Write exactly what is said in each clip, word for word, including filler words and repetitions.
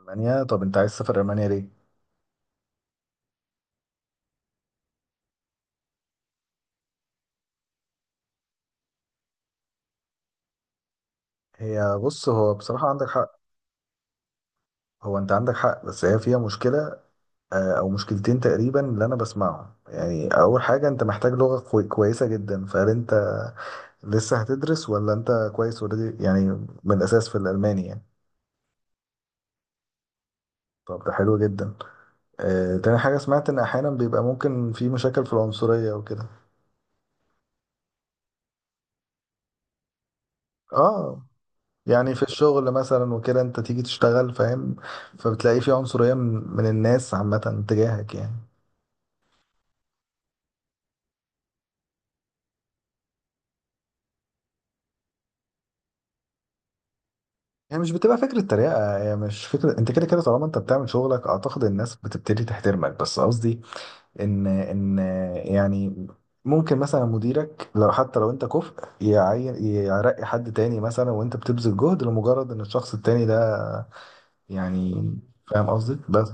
ألمانيا. طب أنت عايز تسافر ألمانيا ليه؟ هي بص، هو بصراحة عندك حق. هو أنت عندك حق بس هي فيها مشكلة. آه، أو مشكلتين تقريبا اللي أنا بسمعهم، يعني أول حاجة أنت محتاج لغة كوي- كويسة جدا. فهل أنت لسه هتدرس ولا أنت كويس أوريدي يعني من الأساس في الألماني يعني؟ طب ده حلو جدا. آه، تاني حاجة سمعت إن أحيانا بيبقى ممكن في مشاكل في العنصرية وكده. آه، يعني في الشغل مثلا وكده أنت تيجي تشتغل، فاهم؟ فبتلاقي في عنصرية من من الناس عامة تجاهك يعني. هي مش بتبقى فكرة تريقة، هي مش فكرة، انت كده كده طالما انت بتعمل شغلك اعتقد الناس بتبتدي تحترمك. بس قصدي ان ان يعني ممكن مثلا مديرك لو حتى لو انت كفء يعين يرقي حد تاني مثلا وانت بتبذل جهد لمجرد ان الشخص التاني ده يعني. فاهم قصدي؟ بس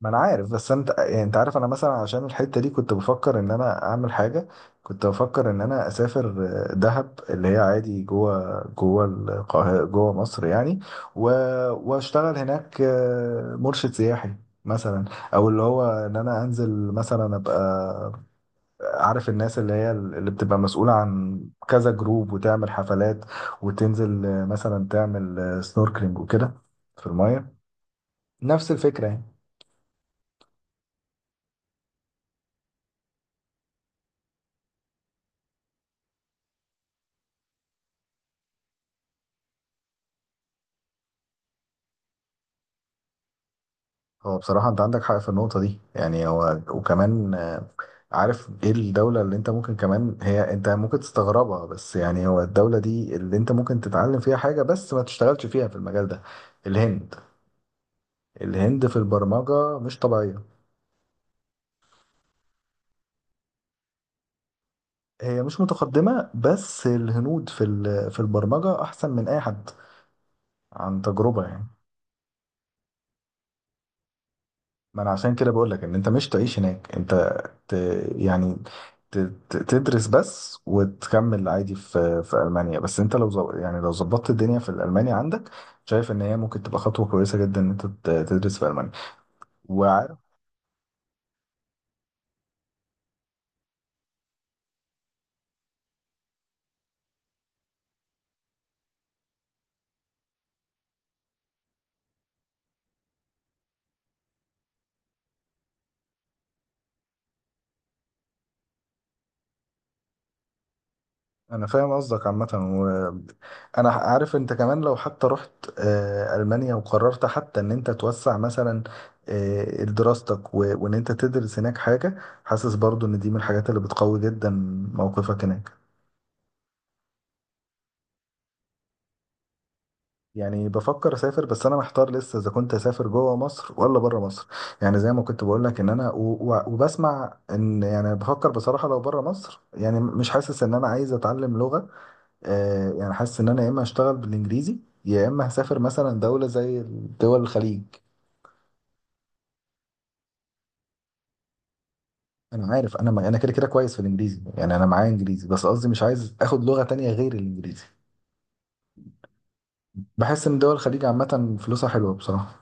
ما انا عارف. بس انت يعني انت عارف انا مثلا عشان الحته دي كنت بفكر ان انا اعمل حاجه. كنت بفكر ان انا اسافر آه، دهب، اللي هي عادي جوه جوه القاهره، جوه مصر يعني. و... واشتغل هناك آه، مرشد سياحي مثلا. او اللي هو ان انا انزل مثلا ابقى عارف الناس اللي هي اللي بتبقى مسؤوله عن كذا جروب وتعمل حفلات، وتنزل آه، مثلا تعمل سنوركلينج وكده في المايه. نفس الفكره يعني. هو بصراحة أنت عندك حق في النقطة دي يعني. هو وكمان آه، عارف إيه الدولة اللي أنت ممكن كمان هي أنت ممكن تستغربها، بس يعني هو الدولة دي اللي أنت ممكن تتعلم فيها حاجة بس ما تشتغلش فيها في المجال ده. الهند. الهند في البرمجة مش طبيعية. هي مش متقدمة بس الهنود في ال- في البرمجة أحسن من أي حد. عن تجربة يعني. ما انا عشان كده بقول لك ان انت مش تعيش هناك، انت ت... يعني ت... ت- تدرس بس وتكمل عادي في في المانيا. بس انت لو زو... يعني لو ظبطت الدنيا في الالماني، عندك شايف ان هي ممكن تبقى خطوه كويسه جدا ان انت ت- تدرس في المانيا. وعارف انا فاهم قصدك عامه. وانا عارف انت كمان لو حتى رحت آه، المانيا وقررت حتى ان انت توسع مثلا آه، دراستك و... وان انت تدرس هناك حاجه، حاسس برضو ان دي من الحاجات اللي بتقوي جدا موقفك هناك. يعني بفكر اسافر بس انا محتار لسه اذا كنت اسافر جوه مصر ولا بره مصر. يعني زي ما كنت بقول لك ان انا و... و... وبسمع ان يعني بفكر بصراحه لو بره مصر يعني مش حاسس ان انا عايز اتعلم لغه. آه يعني حاسس ان انا يا اما اشتغل بالانجليزي، يا اما هسافر مثلا دوله زي دول الخليج. انا عارف. انا ما... انا كده كده كويس في الانجليزي يعني، انا معايا انجليزي، بس قصدي مش عايز اخد لغه تانية غير الانجليزي. بحس ان دول الخليج عامه فلوسها حلوه بصراحه.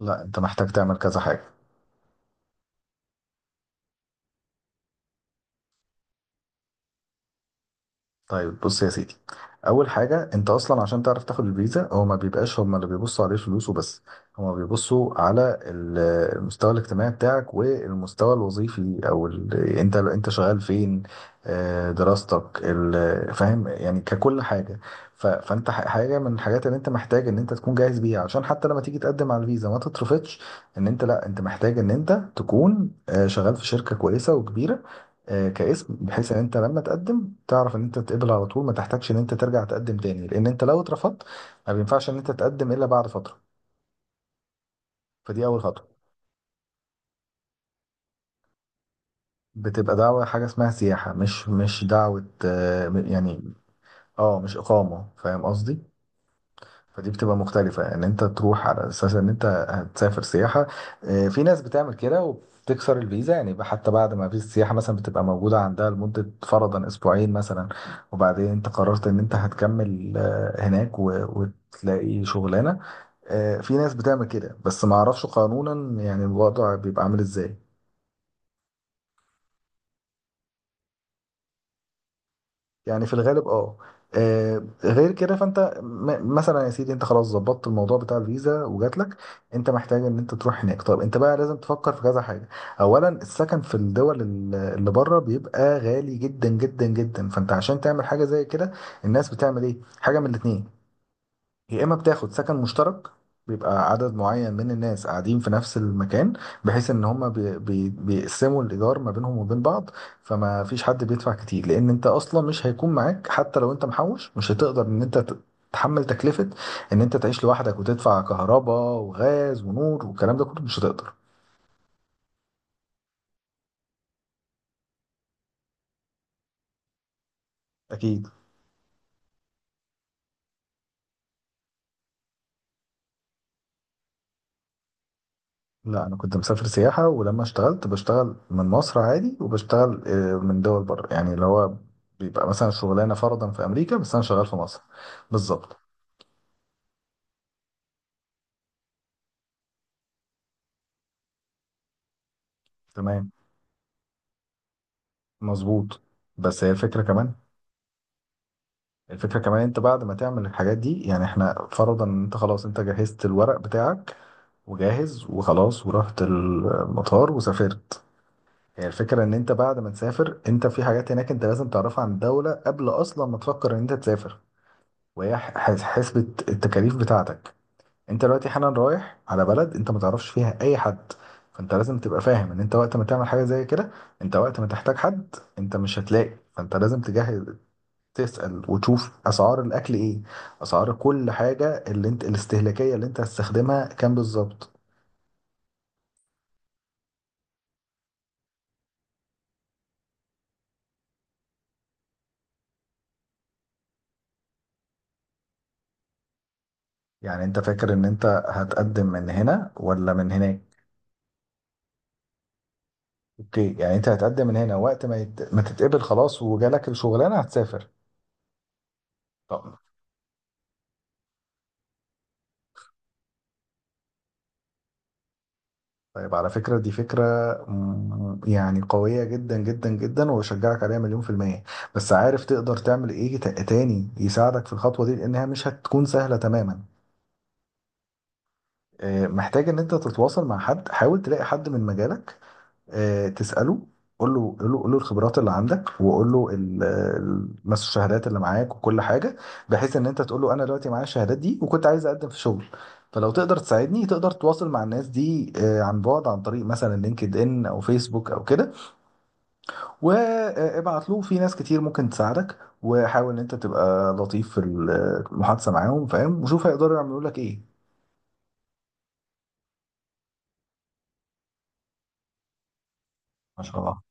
لا انت محتاج تعمل كذا حاجه. طيب بص يا سيدي، اول حاجه انت اصلا عشان تعرف تاخد الفيزا، هو ما بيبقاش هم اللي بيبصوا عليه فلوس وبس. هم بيبصوا على ال- المستوى الاجتماعي بتاعك والمستوى الوظيفي او ال... انت انت شغال فين، آه، دراستك، ال... فاهم يعني ككل حاجه. ف... فانت ح- حاجه من الحاجات اللي انت محتاج ان انت تكون جاهز بيها عشان حتى لما تيجي تقدم على الفيزا ما تترفضش. ان انت لا، انت محتاج ان انت تكون آه، شغال في شركه كويسه وكبيره آه، كاسم، بحيث ان انت لما تقدم تعرف ان انت تتقبل على طول ما تحتاجش ان انت ترجع تقدم تاني، لان انت لو اترفضت ما بينفعش ان انت تقدم الا بعد فتره. فدي اول خطوه. بتبقى دعوه، حاجه اسمها سياحه، مش مش دعوه آه، يعني. اه، مش اقامه، فاهم قصدي؟ فدي بتبقى مختلفة، ان انت تروح على اساس ان انت هتسافر سياحة. آه، في ناس بتعمل كده وبتكسر الفيزا، يعني يبقى حتى بعد ما فيزا السياحة مثلا بتبقى موجودة عندها لمدة فرضا اسبوعين مثلا، وبعدين انت قررت ان انت هتكمل آه، هناك و- وتلاقي شغلانة. آه، في ناس بتعمل كده بس ما اعرفش قانونا يعني الوضع بيبقى عامل ازاي. يعني في الغالب اه. آه، غير كده فانت م- مثلا، يا سيدي انت خلاص ظبطت الموضوع بتاع الفيزا وجات لك، انت محتاج ان انت تروح هناك. طب انت بقى لازم تفكر في كذا حاجه. اولا السكن في الدول ال- اللي بره بيبقى غالي جدا جدا جدا، فانت عشان تعمل حاجه زي كده الناس بتعمل ايه؟ حاجه من الاتنين، يا اما بتاخد سكن مشترك، بيبقى عدد معين من الناس قاعدين في نفس المكان بحيث ان هما بي بي بيقسموا الايجار ما بينهم وبين بعض، فما فيش حد بيدفع كتير. لان انت اصلا مش هيكون معاك حتى لو انت محوش، مش هتقدر ان انت ت- تحمل تكلفة ان انت تعيش لوحدك وتدفع كهرباء وغاز ونور والكلام ده كله، مش هتقدر. اكيد. لا، انا كنت مسافر سياحه. ولما اشتغلت بشتغل من مصر عادي، وبشتغل آه، من دول بره، يعني اللي هو بيبقى مثلا شغلانه فرضا في امريكا بس انا شغال في مصر. بالظبط. تمام. مظبوط. بس هي الفكره كمان، الفكره كمان انت بعد ما تعمل الحاجات دي، يعني احنا فرضا ان انت خلاص انت جهزت الورق بتاعك وجاهز وخلاص ورحت المطار وسافرت. هي الفكره ان انت بعد ما تسافر انت في حاجات هناك انت لازم تعرفها عن الدوله قبل اصلا ما تفكر ان انت تسافر. وهي ح- حس- حسبة التكاليف بتاعتك. انت دلوقتي حالا رايح على بلد انت ما تعرفش فيها اي حد، فانت لازم تبقى فاهم ان انت وقت ما تعمل حاجة زي كده انت وقت ما تحتاج حد انت مش هتلاقي. فانت لازم تجهز، تسأل وتشوف اسعار الاكل ايه، اسعار كل حاجة اللي انت الاستهلاكية اللي انت هتستخدمها كام بالظبط. يعني انت فاكر ان انت هتقدم من هنا ولا من هناك؟ اوكي، يعني انت هتقدم من هنا وقت ما يت... ما تتقبل خلاص وجالك الشغلانة هتسافر. طيب، على فكرة دي فكرة، مم، يعني قوية جدا جدا جدا وأشجعك عليها مليون في المية. بس عارف تقدر تعمل إيه ت- تاني يساعدك في الخطوة دي لأنها مش هتكون سهلة تماما؟ آه، محتاج إن أنت تتواصل مع حد، حاول تلاقي حد من مجالك آه، تسأله. قول له قول له قول له الخبرات اللي عندك، وقول له ال- ال- مثلا الشهادات اللي معاك وكل حاجة، بحيث ان انت تقول له انا دلوقتي معايا الشهادات دي وكنت عايز اقدم في شغل، فلو تقدر تساعدني تقدر تواصل مع الناس دي آه، عن بعد، عن طريق مثلا لينكد ان او فيسبوك او كده. وابعت له في ناس كتير ممكن تساعدك، وحاول ان انت تبقى لطيف في المحادثة معاهم، فاهم؟ وشوف هيقدروا يعملوا لك ايه. ما شاء الله.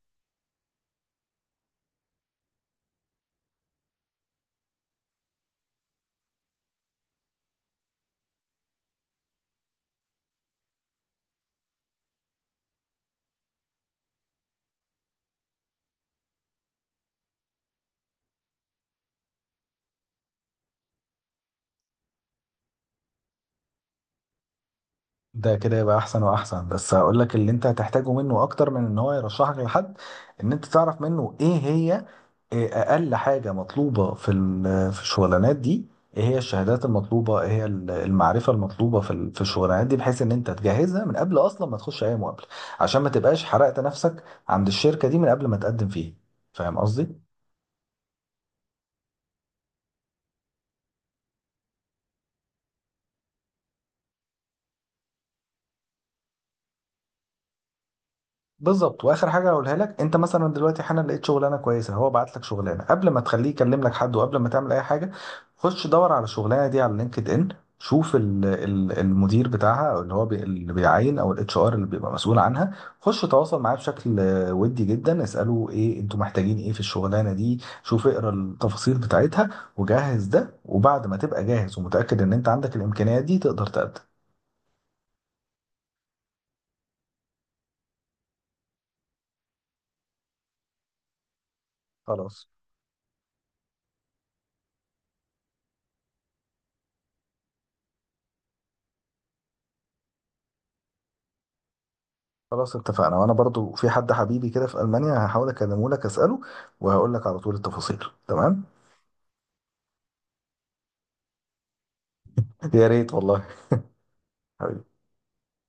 ده كده يبقى احسن واحسن. بس هقول لك اللي انت هتحتاجه منه اكتر من ان هو يرشحك لحد، ان انت تعرف منه ايه هي، إيه اقل حاجه مطلوبه في ال- في الشغلانات دي، ايه هي الشهادات المطلوبه، ايه هي ال- المعرفه المطلوبه في ال- في الشغلانات دي، بحيث ان انت تجهزها من قبل اصلا ما تخش اي مقابله عشان ما تبقاش حرقت نفسك عند الشركه دي من قبل ما تقدم فيها. فاهم قصدي؟ بالظبط. واخر حاجه هقولها لك، انت مثلا دلوقتي حالا لقيت شغلانه كويسه، هو بعت لك شغلانه. قبل ما تخليه يكلم لك حد وقبل ما تعمل اي حاجه، خش دور على الشغلانه دي على لينكد ان، شوف ال- ال- المدير بتاعها او اللي هو بي اللي بيعين او الاتش ار اللي بيبقى مسؤول عنها. خش تواصل معاه بشكل آه، ودي جدا، اساله ايه انتوا محتاجين، ايه في الشغلانه دي، شوف اقرا التفاصيل بتاعتها وجهز ده. وبعد ما تبقى جاهز ومتاكد ان انت عندك الامكانيات دي تقدر تقدم. خلاص خلاص اتفقنا. وانا برضو في حد حبيبي كده في المانيا هحاول اكلمه لك اساله وهقول لك على طول التفاصيل. تمام. يا ريت والله.